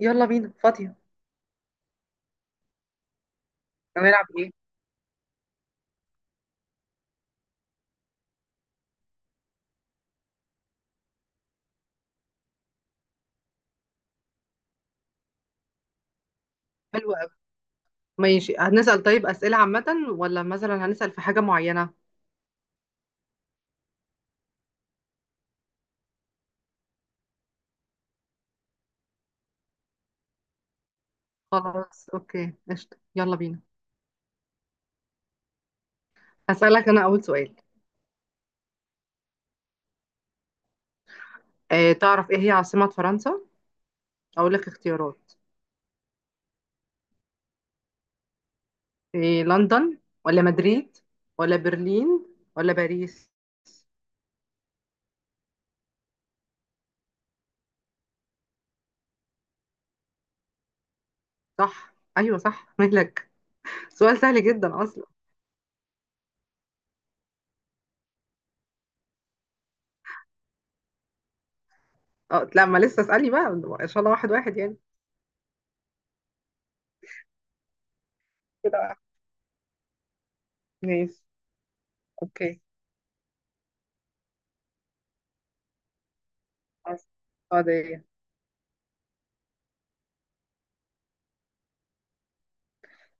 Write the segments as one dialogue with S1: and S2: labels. S1: يلا بينا فاضية. هنلعب ايه؟ حلو قوي. ماشي هنسأل طيب أسئلة عامة، ولا مثلا هنسأل في حاجة معينة؟ خلاص اوكي قشطة يلا بينا. هسألك انا اول سؤال. تعرف ايه هي عاصمة فرنسا؟ اقول لك اختيارات. إيه، لندن ولا مدريد ولا برلين ولا باريس؟ صح، ايوه صح مالك. سؤال سهل جدا اصلا. اه لا ما لسه، اسألني بقى. ان شاء الله واحد واحد يعني. كده واحد. ماشي. اوكي. حاضر.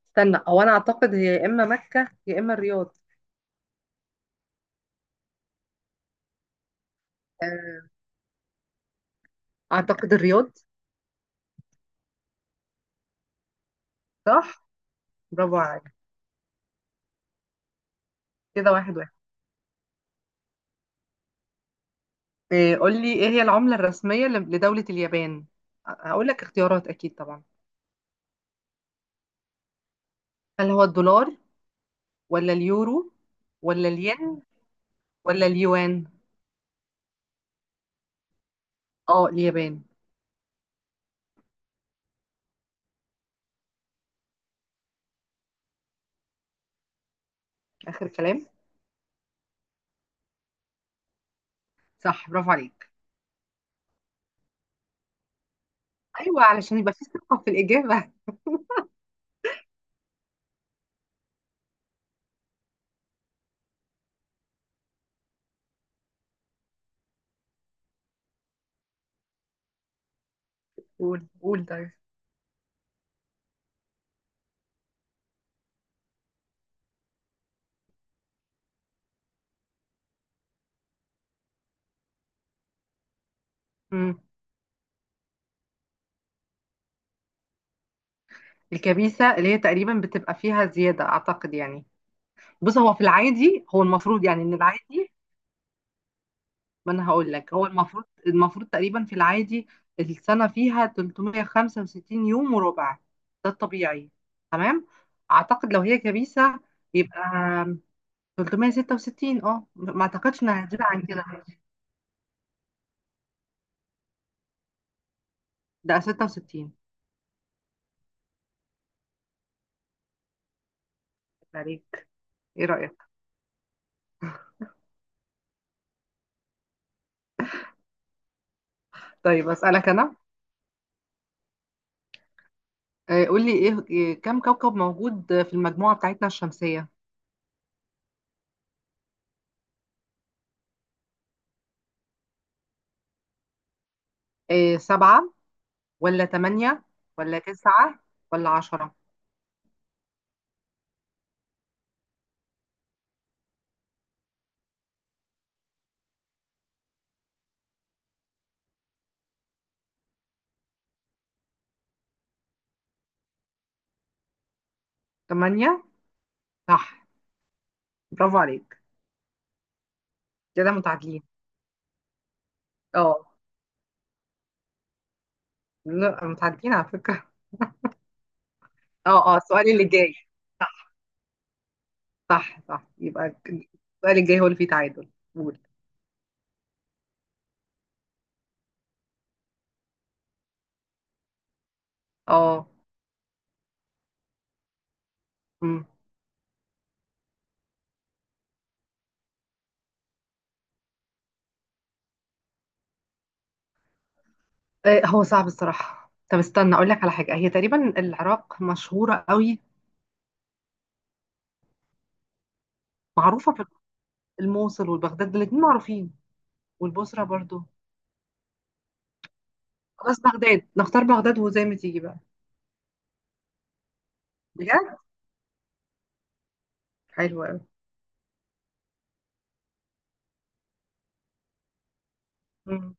S1: استنى هو انا اعتقد هي يا اما مكة يا اما الرياض. آه، اعتقد الرياض. صح برافو عليك. كده واحد واحد. قول لي ايه هي العملة الرسمية لدولة اليابان. هقول لك اختيارات اكيد طبعا. هل هو الدولار، ولا اليورو، ولا الين، ولا اليوان؟ اه اليابان. اخر كلام. صح برافو عليك. ايوه علشان يبقى في ثقة في الاجابة. قول قول طيب. مم. الكبيسة اللي هي تقريبا بتبقى فيها زيادة اعتقد يعني. بص هو في العادي، هو المفروض يعني ان العادي، ما انا هقول لك، هو المفروض المفروض تقريبا في العادي السنه فيها 365 يوم وربع، ده الطبيعي. تمام. اعتقد لو هي كبيسه يبقى 366. اه ما اعتقدش انها هتزيد عن كده. ده 66. عليك. ايه رايك؟ طيب اسالك انا. قول لي ايه كم كوكب موجود في المجموعه بتاعتنا الشمسيه. إيه، سبعه ولا ثمانيه ولا تسعه ولا عشرة؟ ثمانيه. صح برافو عليك. كده متعادلين. اه لا متعدين على فكرة. اه اه السؤال اللي جاي. صح. صح صح يبقى السؤال الجاي هو اللي فيه تعادل، قول. اه. امم. هو صعب الصراحة، طب استنى اقول لك على حاجة، هي تقريبا العراق مشهورة قوي. معروفة في الموصل والبغداد، الاتنين معروفين، والبصرة برضو. خلاص بغداد، نختار بغداد وزي ما تيجي بقى. بجد. حلو قوي. امم.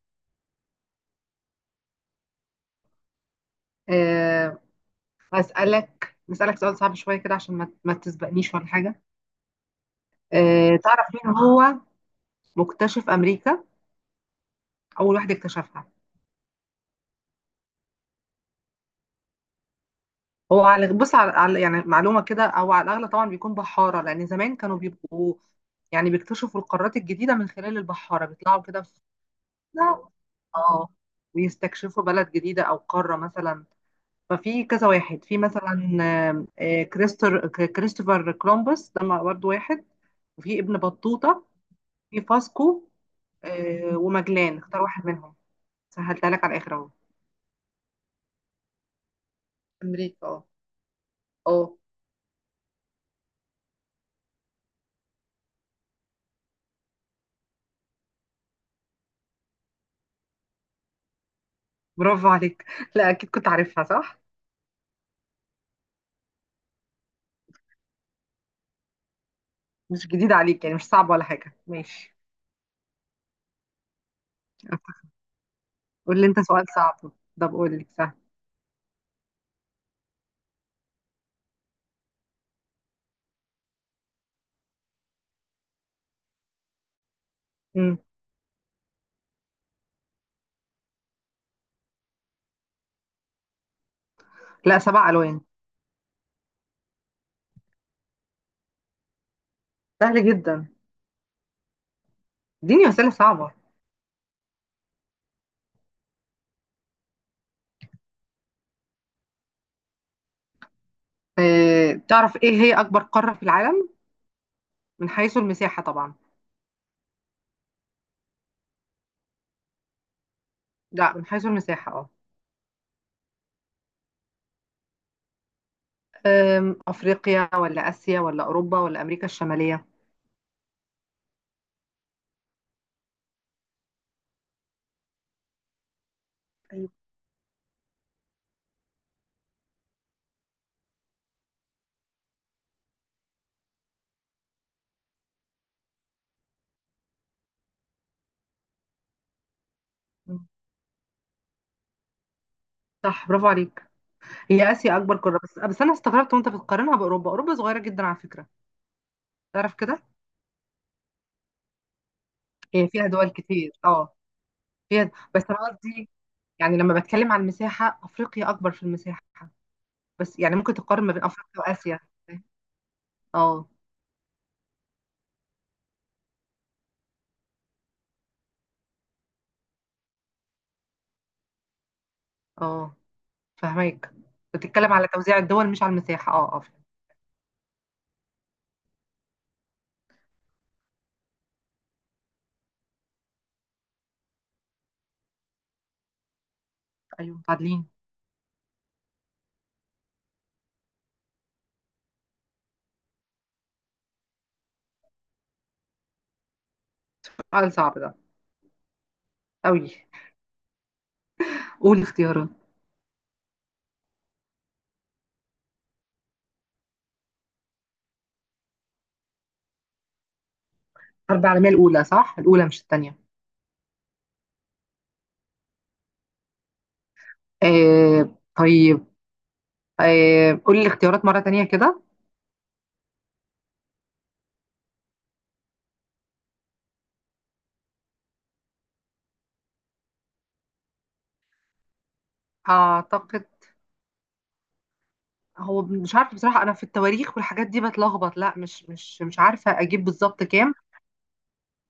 S1: آه، نسألك سؤال صعب شوية كده عشان ما تسبقنيش ولا حاجة. تعرف مين هو مكتشف أمريكا، أول واحد اكتشفها؟ هو على بص على على- يعني معلومه كده، او على الاغلب طبعا بيكون بحاره، لان زمان كانوا بيبقوا يعني بيكتشفوا القارات الجديده من خلال البحاره، بيطلعوا كده في، لا. اه، ويستكشفوا بلد جديده او قاره مثلا. ففي كذا واحد، في مثلا آم، آه، كريستر ك- كريستوفر كولومبوس ده برضه واحد، وفي ابن بطوطه، في فاسكو، وماجلان. اختار واحد منهم، سهلتها لك على الاخر اهو. امريكا اه. اه برافو عليك. لا اكيد كنت عارفها صح. مش جديد عليك يعني، مش صعب ولا حاجة، ماشي. قول لي انت سؤال صعب. طب قول لي سهل. مم. لا، سبع ألوان. سهل جدا. اديني أسئلة صعبة. اه، تعرف ايه هي أكبر قارة في العالم، من حيث المساحة طبعا؟ لا من حيث المساحة اه. أفريقيا ولا آسيا ولا أوروبا ولا أمريكا الشمالية؟ أيوة. مم. صح برافو عليك. هي آسيا أكبر قارة، بس بس أنا استغربت وأنت بتقارنها بأوروبا، أوروبا صغيرة جدا على فكرة. تعرف كده. هي فيها دول كتير اه، فيها، بس أنا قصدي يعني لما بتكلم عن المساحة، أفريقيا أكبر في المساحة. بس يعني ممكن تقارن ما بين أفريقيا وآسيا. اه اه، فهمك. بتتكلم على توزيع الدول مش على المساحة، اه اه فهمت. أيوه عادلين. سؤال صعب ده أوي. قول الاختيارات. الحرب العالمية الأولى صح؟ الأولى مش التانية. آه طيب. آه قول لي الاختيارات مرة تانية كده. أعتقد، هو مش عارفة بصراحة أنا في التواريخ والحاجات دي بتلخبط، لا مش عارفة أجيب بالظبط كام.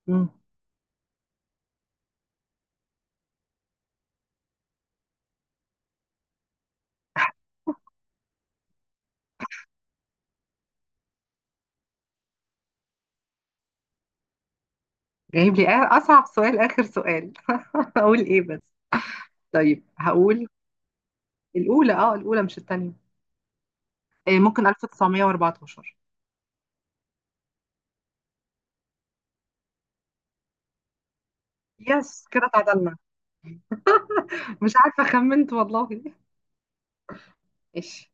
S1: مم. جايب لي أصعب سؤال آخر سؤال. أقول إيه بس. طيب هقول الأولى، اه الأولى مش التانية. إيه، ممكن 1914. يس، كده تعادلنا. مش عارفة خمنت والله. ماشي.